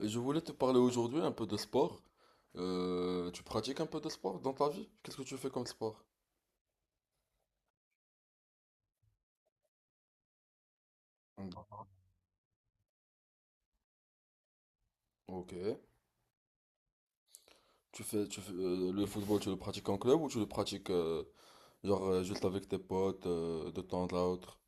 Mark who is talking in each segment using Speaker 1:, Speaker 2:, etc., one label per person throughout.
Speaker 1: Et je voulais te parler aujourd'hui un peu de sport. Tu pratiques un peu de sport dans ta vie? Qu'est-ce que tu fais comme sport? Mm. Ok. Tu fais le football, tu le pratiques en club ou tu le pratiques, genre, juste avec tes potes, de temps à autre?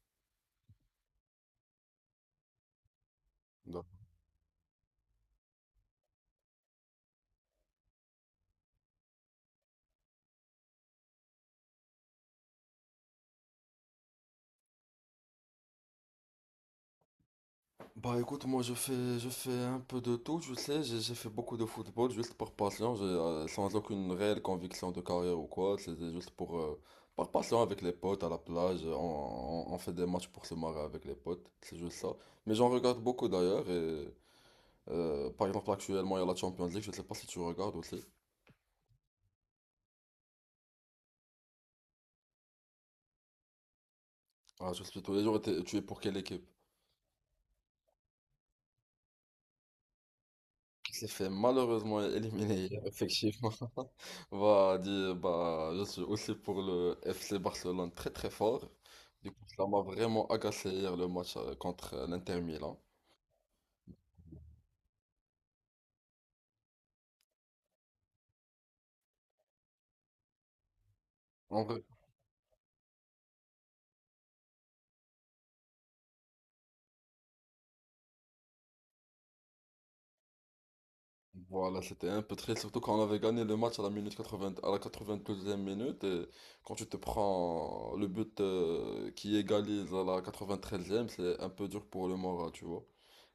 Speaker 1: Bah écoute, moi je fais un peu de tout, tu sais, j'ai fait beaucoup de football juste par passion, sans aucune réelle conviction de carrière ou quoi, c'était juste pour, par passion avec les potes à la plage, on fait des matchs pour se marrer avec les potes, c'est juste ça. Mais j'en regarde beaucoup d'ailleurs, et par exemple actuellement il y a la Champions League, je sais pas si tu regardes aussi. Ah, je suis tous les jours, et tu es pour quelle équipe? Il s'est fait malheureusement éliminer, effectivement. Bah, bah, je suis aussi pour le FC Barcelone très très fort. Du coup, ça m'a vraiment agacé hier le match, contre, l'Inter Milan. En vrai, voilà, c'était un peu triste, surtout quand on avait gagné le match à la minute 80, à la 80e minute. Et quand tu te prends le but, qui égalise à la 93e, c'est un peu dur pour le moral, tu vois.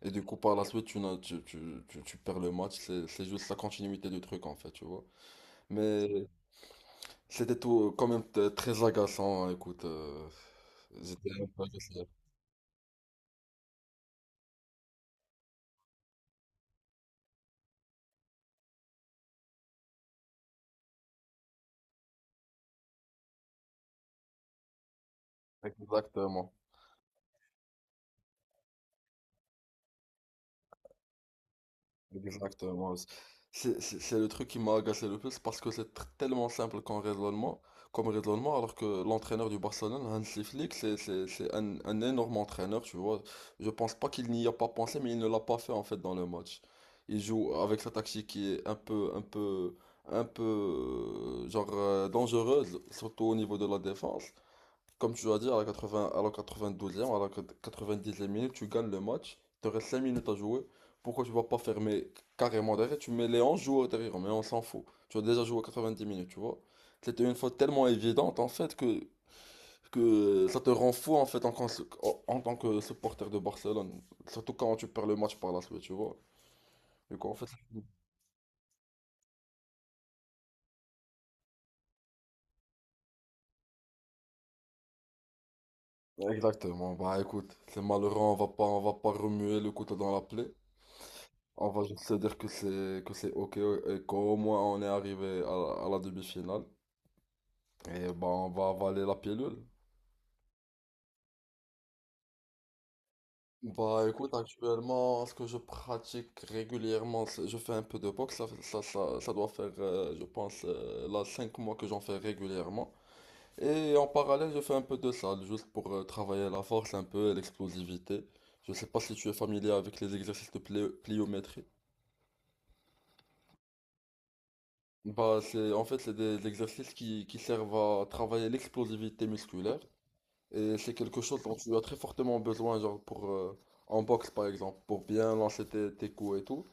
Speaker 1: Et du coup, par la suite, tu, n'as- tu perds le match. C'est juste la continuité du truc, en fait, tu vois. Mais c'était tout, quand même très agaçant, hein, écoute. J'étais un peu agacé. Exactement. Exactement. C'est le truc qui m'a agacé le plus parce que c'est tellement simple comme raisonnement, alors que l'entraîneur du Barcelone, Hansi Flick, c'est un, énorme entraîneur, tu vois. Je pense pas qu'il n'y a pas pensé, mais il ne l'a pas fait en fait dans le match. Il joue avec sa tactique qui est un peu, genre, dangereuse, surtout au niveau de la défense. Comme tu dois dire à la 80, à la 92e, à la 90e minute, tu gagnes le match. Il te reste 5 minutes à jouer. Pourquoi tu vas pas fermer carrément derrière? Tu mets les 11 joueurs derrière, mais on s'en fout. Tu as déjà joué 90 minutes, tu vois. C'était une faute tellement évidente, en fait, que ça te rend fou, en fait, en tant que supporter de Barcelone. Surtout quand tu perds le match par la suite, tu vois. Du coup, en fait, exactement. Bah, écoute, c'est malheureux, on va pas remuer le couteau dans la plaie. On va juste se dire que c'est ok et qu'au moins on est arrivé à la demi-finale. Et ben on va avaler la pilule. Bah écoute, actuellement, ce que je pratique régulièrement, je fais un peu de boxe. Ça doit faire, je pense, là 5 mois que j'en fais régulièrement. Et en parallèle, je fais un peu de salle, juste pour, travailler la force un peu et l'explosivité. Je sais pas si tu es familier avec les exercices de pliométrie. Bah, c'est, en fait, c'est des exercices qui servent à travailler l'explosivité musculaire. Et c'est quelque chose dont tu as très fortement besoin, genre pour, en boxe par exemple, pour bien lancer tes, coups et tout.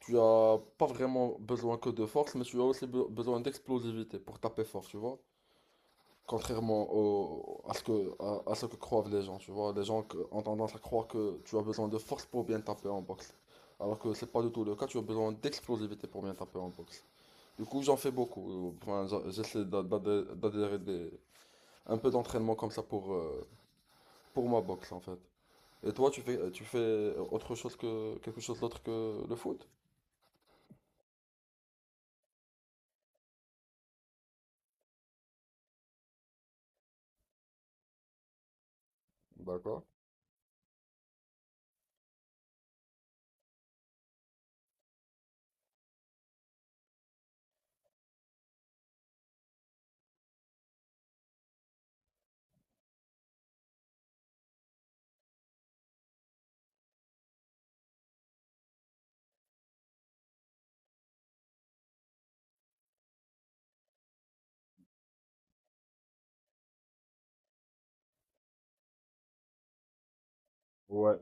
Speaker 1: Tu as pas vraiment besoin que de force, mais tu as aussi besoin d'explosivité pour taper fort, tu vois. Contrairement à ce que croient les gens, tu vois. Les gens ont tendance à croire que tu as besoin de force pour bien taper en boxe. Alors que c'est pas du tout le cas, tu as besoin d'explosivité pour bien taper en boxe. Du coup, j'en fais beaucoup. Enfin, j'essaie d'adhérer un peu d'entraînement comme ça pour ma boxe en fait. Et toi, tu fais autre chose que quelque chose d'autre que le foot? D'accord. Ouais.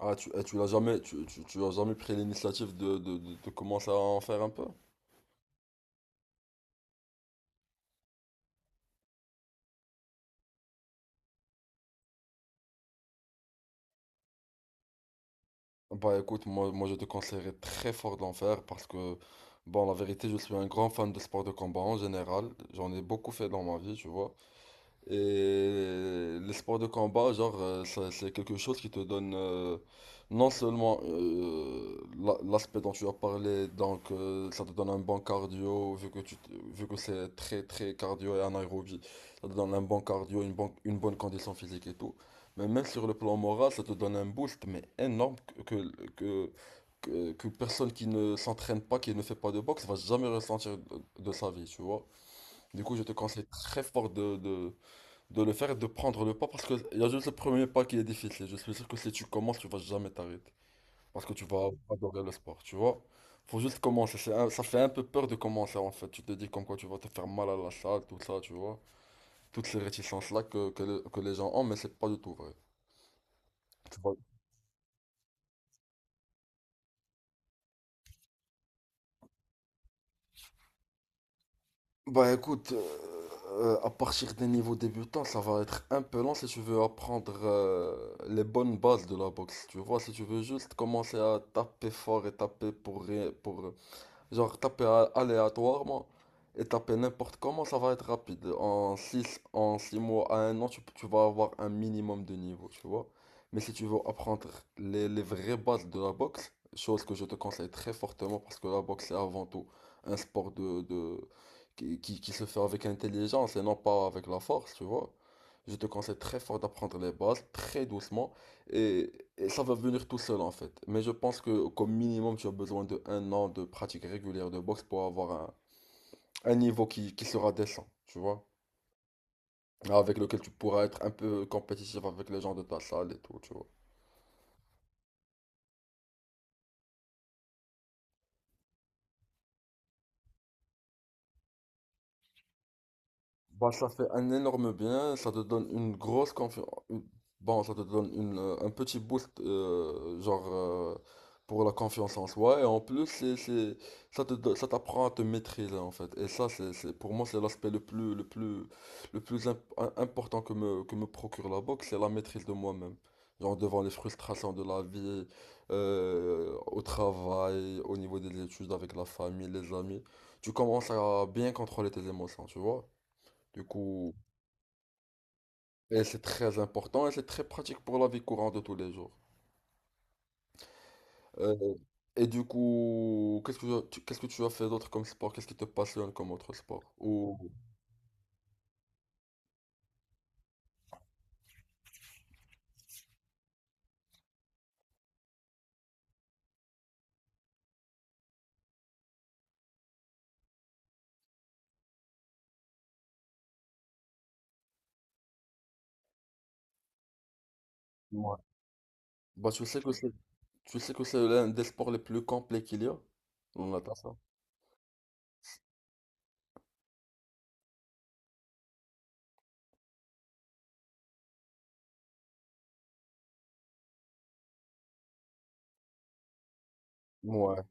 Speaker 1: Ah, tu, eh, tu l'as jamais, tu as jamais pris l'initiative de commencer à en faire un peu? Bah écoute, moi je te conseillerais très fort d'en faire parce que, bon, la vérité, je suis un grand fan de sport de combat en général. J'en ai beaucoup fait dans ma vie, tu vois. Et les sports de combat, genre, c'est quelque chose qui te donne, non seulement, l'aspect dont tu as parlé, donc, ça te donne un bon cardio, vu que vu que c'est très très cardio et anaérobie, ça te donne un bon cardio, une bonne, condition physique et tout. Mais même sur le plan moral, ça te donne un boost, mais énorme que, que, que personne qui ne s'entraîne pas, qui ne fait pas de boxe, va jamais ressentir de sa vie, tu vois. Du coup, je te conseille très fort de le faire et de prendre le pas parce que il y a juste le premier pas qui est difficile. Je suis sûr que si tu commences, tu vas jamais t'arrêter. Parce que tu vas adorer le sport, tu vois. Faut juste commencer. Ça fait un peu peur de commencer en fait. Tu te dis comme quoi tu vas te faire mal à la salle, tout ça, tu vois. Toutes ces réticences-là que les gens ont, mais c'est pas du tout vrai. Tu vois. Bah écoute, à partir des niveaux débutants, ça va être un peu lent si tu veux apprendre, les bonnes bases de la boxe. Tu vois, si tu veux juste commencer à taper fort et taper pour rien, genre taper aléatoirement et taper n'importe comment, ça va être rapide. En six mois à un an, tu vas avoir un minimum de niveau, tu vois. Mais si tu veux apprendre les vraies bases de la boxe, chose que je te conseille très fortement parce que la boxe c'est avant tout un sport qui se fait avec intelligence et non pas avec la force, tu vois. Je te conseille très fort d'apprendre les bases, très doucement. Et, et ça va venir tout seul en fait. Mais je pense que comme minimum, tu as besoin de un an de pratique régulière de boxe pour avoir un niveau qui sera décent, tu vois. Avec lequel tu pourras être un peu compétitif avec les gens de ta salle et tout, tu vois. Bah, ça fait un énorme bien, ça te donne une grosse confiance. Bon, ça te donne un petit boost, genre, pour la confiance en soi. Et en plus, ça t'apprend à te maîtriser, en fait. Et ça, pour moi, c'est l'aspect le plus, le plus important que me procure la boxe, c'est la maîtrise de moi-même. Genre, devant les frustrations de la vie, au travail, au niveau des études, avec la famille, les amis. Tu commences à bien contrôler tes émotions, tu vois. Du coup, et c'est très important et c'est très pratique pour la vie courante de tous les jours. Euh, et du coup, qu'est-ce que tu as fait d'autre comme sport? Qu'est-ce qui te passionne comme autre sport? Ou, ouais. Bah, tu sais que c'est l'un des sports les plus complets qu'il y a, la natation. Ouais,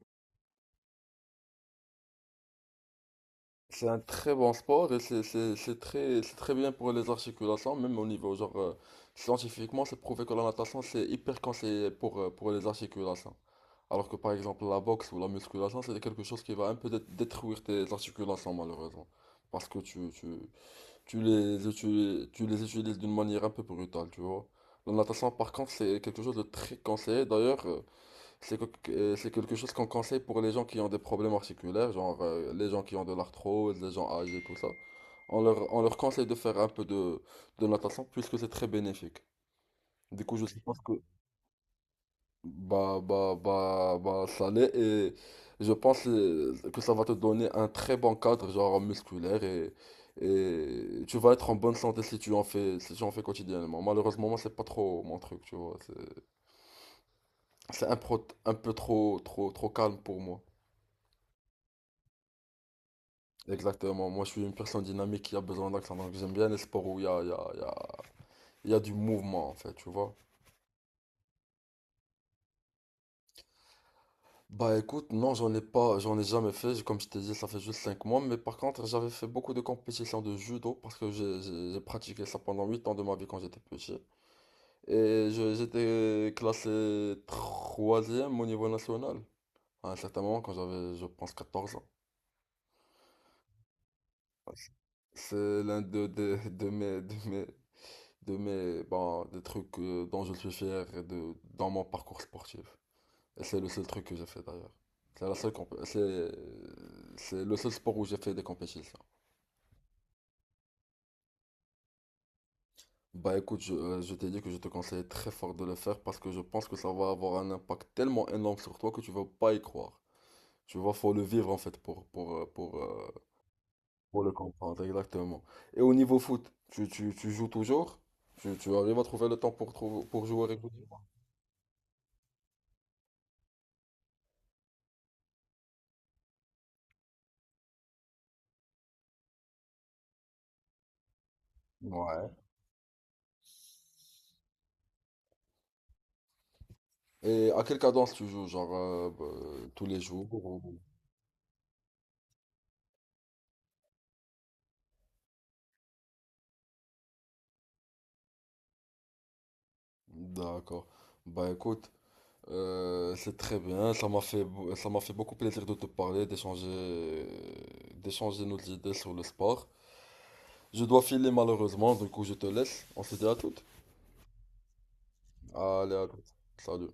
Speaker 1: c'est un très bon sport et c'est très bien pour les articulations, même au niveau genre, scientifiquement, c'est prouvé que la natation c'est hyper conseillé pour les articulations. Alors que par exemple la boxe ou la musculation, c'est quelque chose qui va un peu détruire tes articulations malheureusement. Parce que tu les utilises d'une manière un peu brutale, tu vois. La natation par contre, c'est quelque chose de très conseillé. D'ailleurs, c'est quelque chose qu'on conseille pour les gens qui ont des problèmes articulaires, genre, les gens qui ont de l'arthrose, les gens âgés, tout ça. On leur conseille de faire un peu de natation puisque c'est très bénéfique. Du coup, je suppose que, ça l'est et je pense, que ça va te donner un très bon cadre, genre musculaire et tu vas être en bonne santé si tu en fais, quotidiennement. Malheureusement, moi, c'est pas trop mon truc, tu vois. C'est un, un peu trop, trop, trop calme pour moi. Exactement. Moi, je suis une personne dynamique qui a besoin d'action, donc j'aime bien les sports où il y a, il y a, il y a, il y a du mouvement, en fait, tu vois. Bah écoute, non, j'en ai pas, j'en ai jamais fait. Comme je t'ai dit, ça fait juste 5 mois. Mais par contre, j'avais fait beaucoup de compétitions de judo parce que j'ai pratiqué ça pendant 8 ans de ma vie quand j'étais petit. J'étais classé troisième au niveau national à un certain moment quand j'avais, je pense, 14 ans. C'est l'un de mes, bon, des trucs, dont je suis fier dans mon parcours sportif. C'est le seul truc que j'ai fait d'ailleurs. C'est la seule comp- c'est le seul sport où j'ai fait des compétitions. Bah écoute, je t'ai dit que je te conseille très fort de le faire parce que je pense que ça va avoir un impact tellement énorme sur toi que tu vas pas y croire. Tu vois, faut le vivre en fait pour le comprendre exactement. Et au niveau foot, tu joues toujours? Tu arrives à trouver le temps pour pour jouer régulièrement? Ouais. Et à quelle cadence tu joues? Genre, bah, tous les jours? D'accord. Bah écoute. C'est très bien, ça m'a fait beaucoup plaisir de te parler, d'échanger, nos idées sur le sport. Je dois filer malheureusement, du coup je te laisse. On se dit à toutes. Allez, à toutes. Salut.